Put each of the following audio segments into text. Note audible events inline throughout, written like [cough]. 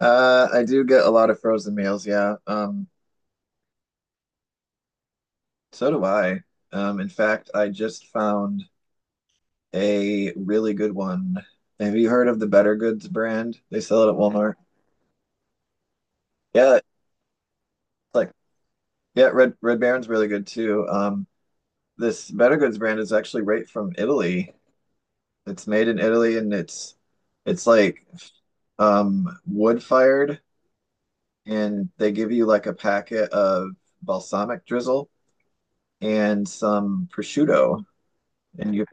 I do get a lot of frozen meals, yeah. So do I. In fact, I just found a really good one. Have you heard of the Better Goods brand? They sell it at Walmart. Yeah, it's like yeah, Red Baron's really good too. This Better Goods brand is actually right from Italy. It's made in Italy and it's like wood fired, and they give you like a packet of balsamic drizzle and some prosciutto and you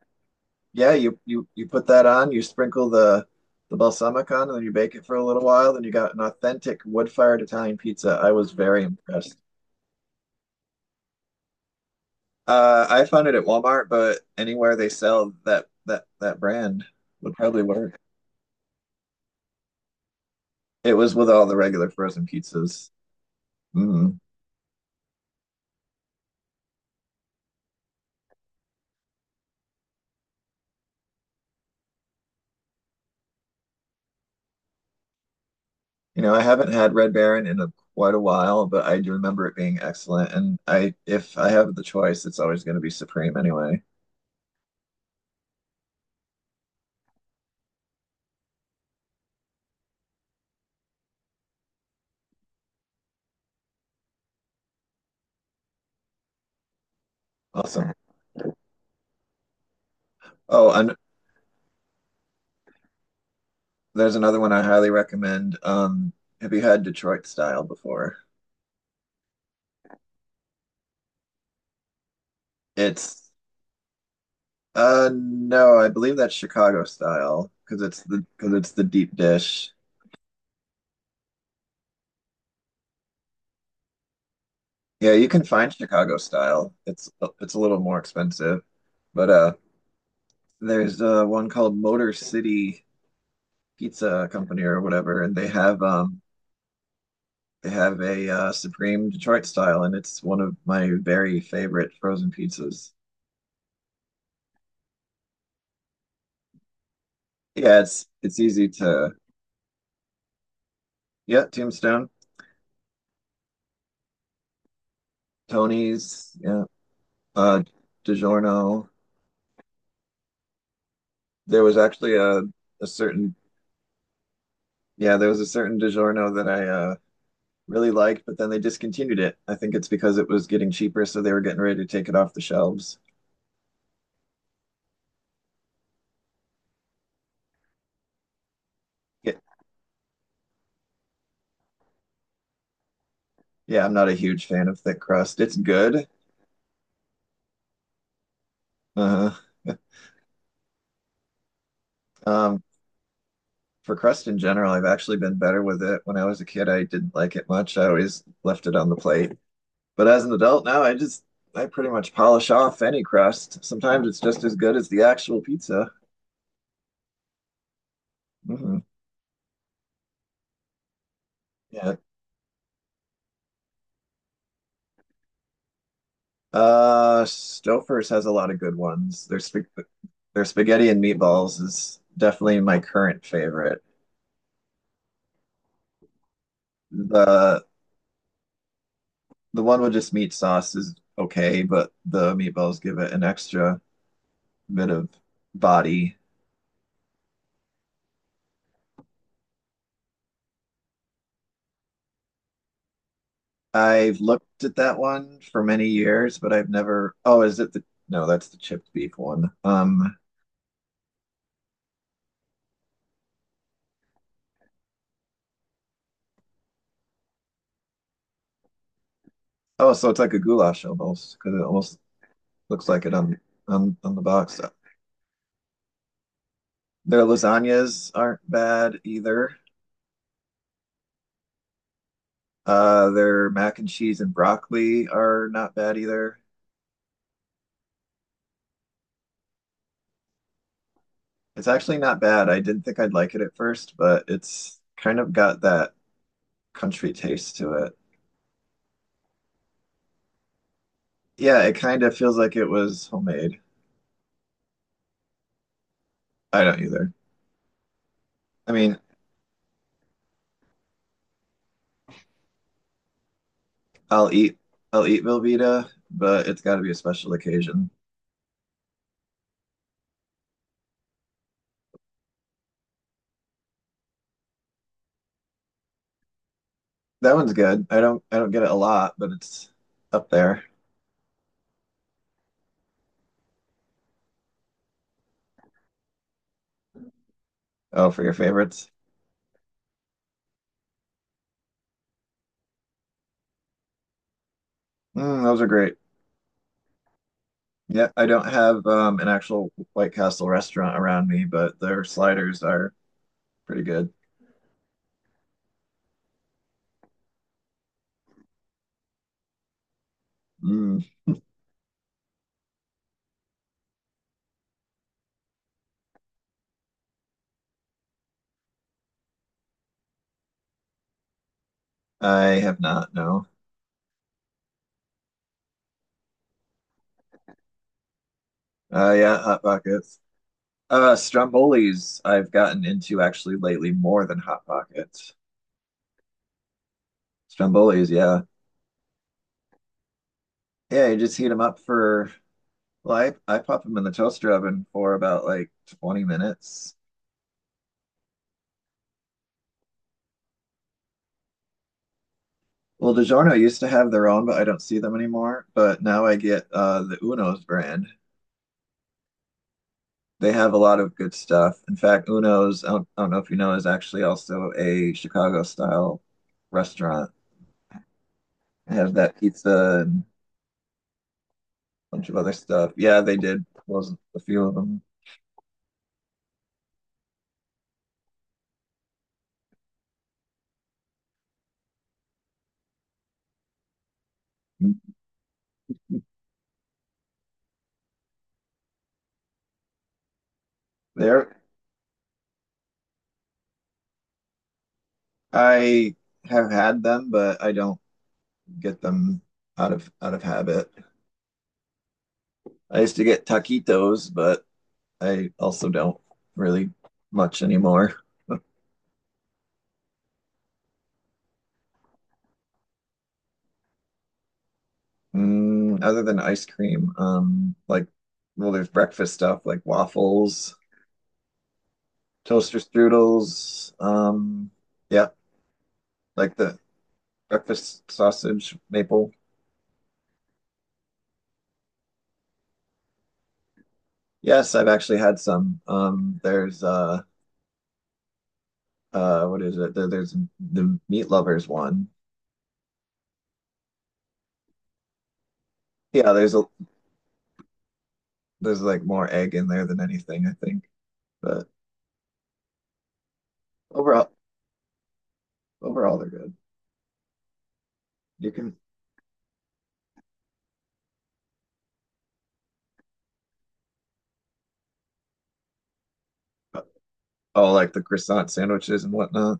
yeah, you put that on, you sprinkle the balsamic on, and then you bake it for a little while. Then you got an authentic wood-fired Italian pizza. I was very impressed. I found it at Walmart, but anywhere they sell that brand would probably work. It was with all the regular frozen pizzas. Mm. You know, I haven't had Red Baron in a, quite a while, but I do remember it being excellent. And if I have the choice, it's always going to be Supreme anyway. Awesome. Oh, and there's another one I highly recommend. Have you had Detroit style before? It's no, I believe that's Chicago style because it's the deep dish. Yeah, you can find Chicago style. It's a little more expensive, but there's one called Motor City Pizza Company or whatever, and they have a Supreme Detroit style, and it's one of my very favorite frozen pizzas. Yeah, it's easy to yeah, Tombstone. Tony's, yeah, uh, DiGiorno. There was actually a certain yeah, there was a certain DiGiorno that I really liked, but then they discontinued it. I think it's because it was getting cheaper, so they were getting ready to take it off the shelves. Yeah, yeah, I'm not a huge fan of thick crust. It's good. Uh, [laughs] um, for crust in general, I've actually been better with it. When I was a kid, I didn't like it much. I always left it on the plate. But as an adult now, I just I pretty much polish off any crust. Sometimes it's just as good as the actual pizza. Hmm. Yeah. Stouffer's has a lot of good ones. Their spaghetti and meatballs is definitely my current favorite. The the one with just meat sauce is okay, but the meatballs give it an extra bit of body. I've looked at that one for many years, but I've never. Oh, is it the? No, that's the chipped beef one. Oh, so it's like a goulash almost because it almost looks like it on on the box. Their lasagnas aren't bad either. Their mac and cheese and broccoli are not bad either. It's actually not bad. I didn't think I'd like it at first, but it's kind of got that country taste to it. Yeah, it kind of feels like it was homemade. I don't either. I mean, I'll eat I'll eat Velveeta, but it's got to be a special occasion. That one's good. I don't get it a lot, but it's up there. Oh, for your favorites. Mm, those are great. Yeah, I don't have an actual White Castle restaurant around me, but their sliders are pretty good. Mm, I have not, no. Yeah, Hot Pockets. Stromboli's I've gotten into actually lately more than Hot Pockets. Stromboli's, yeah. Yeah, you just heat them up for, well, I pop them in the toaster oven for about like 20 minutes. Well, DiGiorno used to have their own, but I don't see them anymore. But now I get the Uno's brand. They have a lot of good stuff. In fact, Uno's, I don't know if you know, is actually also a Chicago style restaurant. It has that pizza and a bunch of other stuff. Yeah, they did close a few of them. There, I have had them, but I don't get them out of habit. I used to get taquitos, but I also don't really much anymore. Mm, other than ice cream, like well, there's breakfast stuff like waffles, toaster strudels, yeah, like the breakfast sausage maple. Yes, I've actually had some. There's what is it? There's the meat lovers one. Yeah, there's a there's like more egg in there than anything, I think. But overall, overall they're good. You can uh, oh, like the croissant sandwiches and whatnot.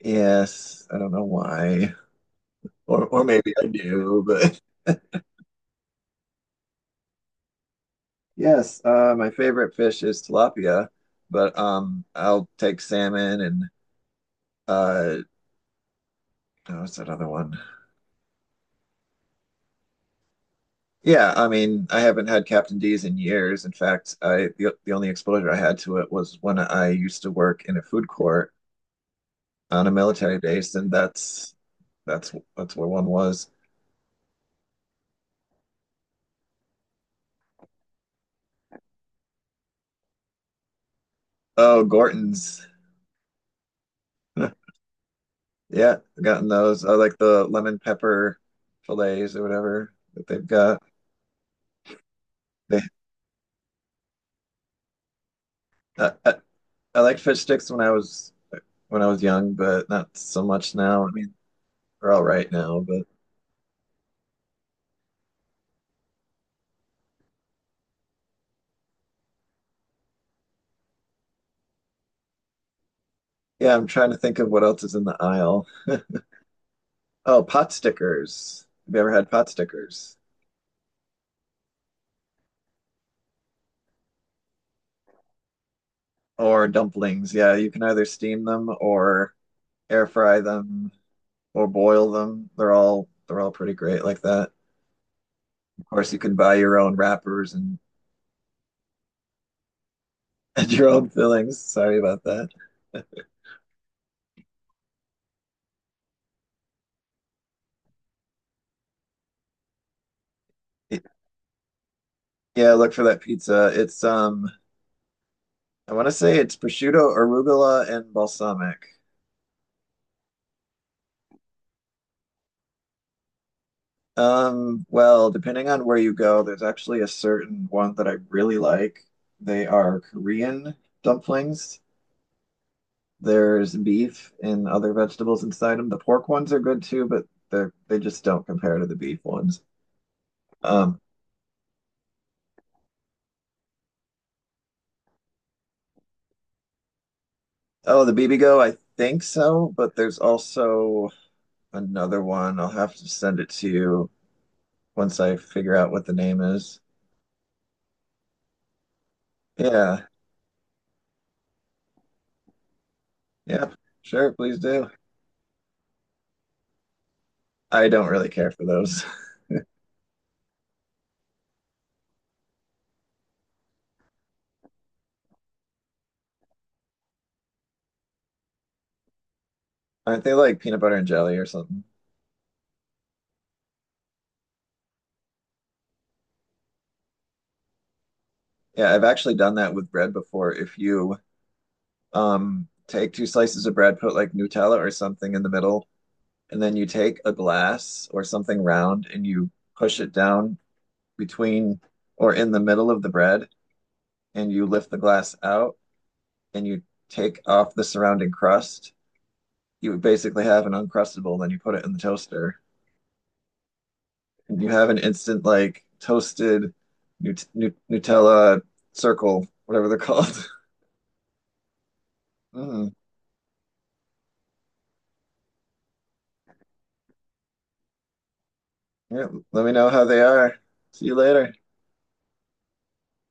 Yes, I don't know why, or maybe I do, but [laughs] yes, my favorite fish is tilapia, but I'll take salmon and uh, oh, what's that other one? Yeah, I mean, I haven't had Captain D's in years. In fact, the only exposure I had to it was when I used to work in a food court on a military base, and that's that's where one was. Oh, Gorton's. [laughs] Yeah, I've gotten those. I like the lemon pepper fillets or whatever that they've got. They, I, I, I liked fish sticks when I was young, but not so much now. I mean, they're all right now, but yeah, I'm trying to think of what else is in the aisle. Oh, pot stickers. Have you ever had pot stickers? Or dumplings. Yeah, you can either steam them or air fry them or boil them. They're all pretty great like that. Of course, you can buy your own wrappers and, [laughs] and your own fillings. Sorry about that. [laughs] Yeah, look for that pizza. It's I want to say it's prosciutto, arugula, and balsamic. Well, depending on where you go, there's actually a certain one that I really like. They are Korean dumplings. There's beef and other vegetables inside them. The pork ones are good too, but they just don't compare to the beef ones. Um, oh, the bibigo, I think so, but there's also another one. I'll have to send it to you once I figure out what the name is. Yeah, yeah, sure, please do. I don't really care for those. [laughs] Aren't they like peanut butter and jelly or something? Yeah, I've actually done that with bread before. If you take 2 slices of bread, put like Nutella or something in the middle, and then you take a glass or something round and you push it down between or in the middle of the bread, and you lift the glass out and you take off the surrounding crust, you would basically have an Uncrustable, then you put it in the toaster. And you have an instant like toasted Nutella circle, whatever they're called. [laughs] Mm. Yeah, let me know how they are. See you later.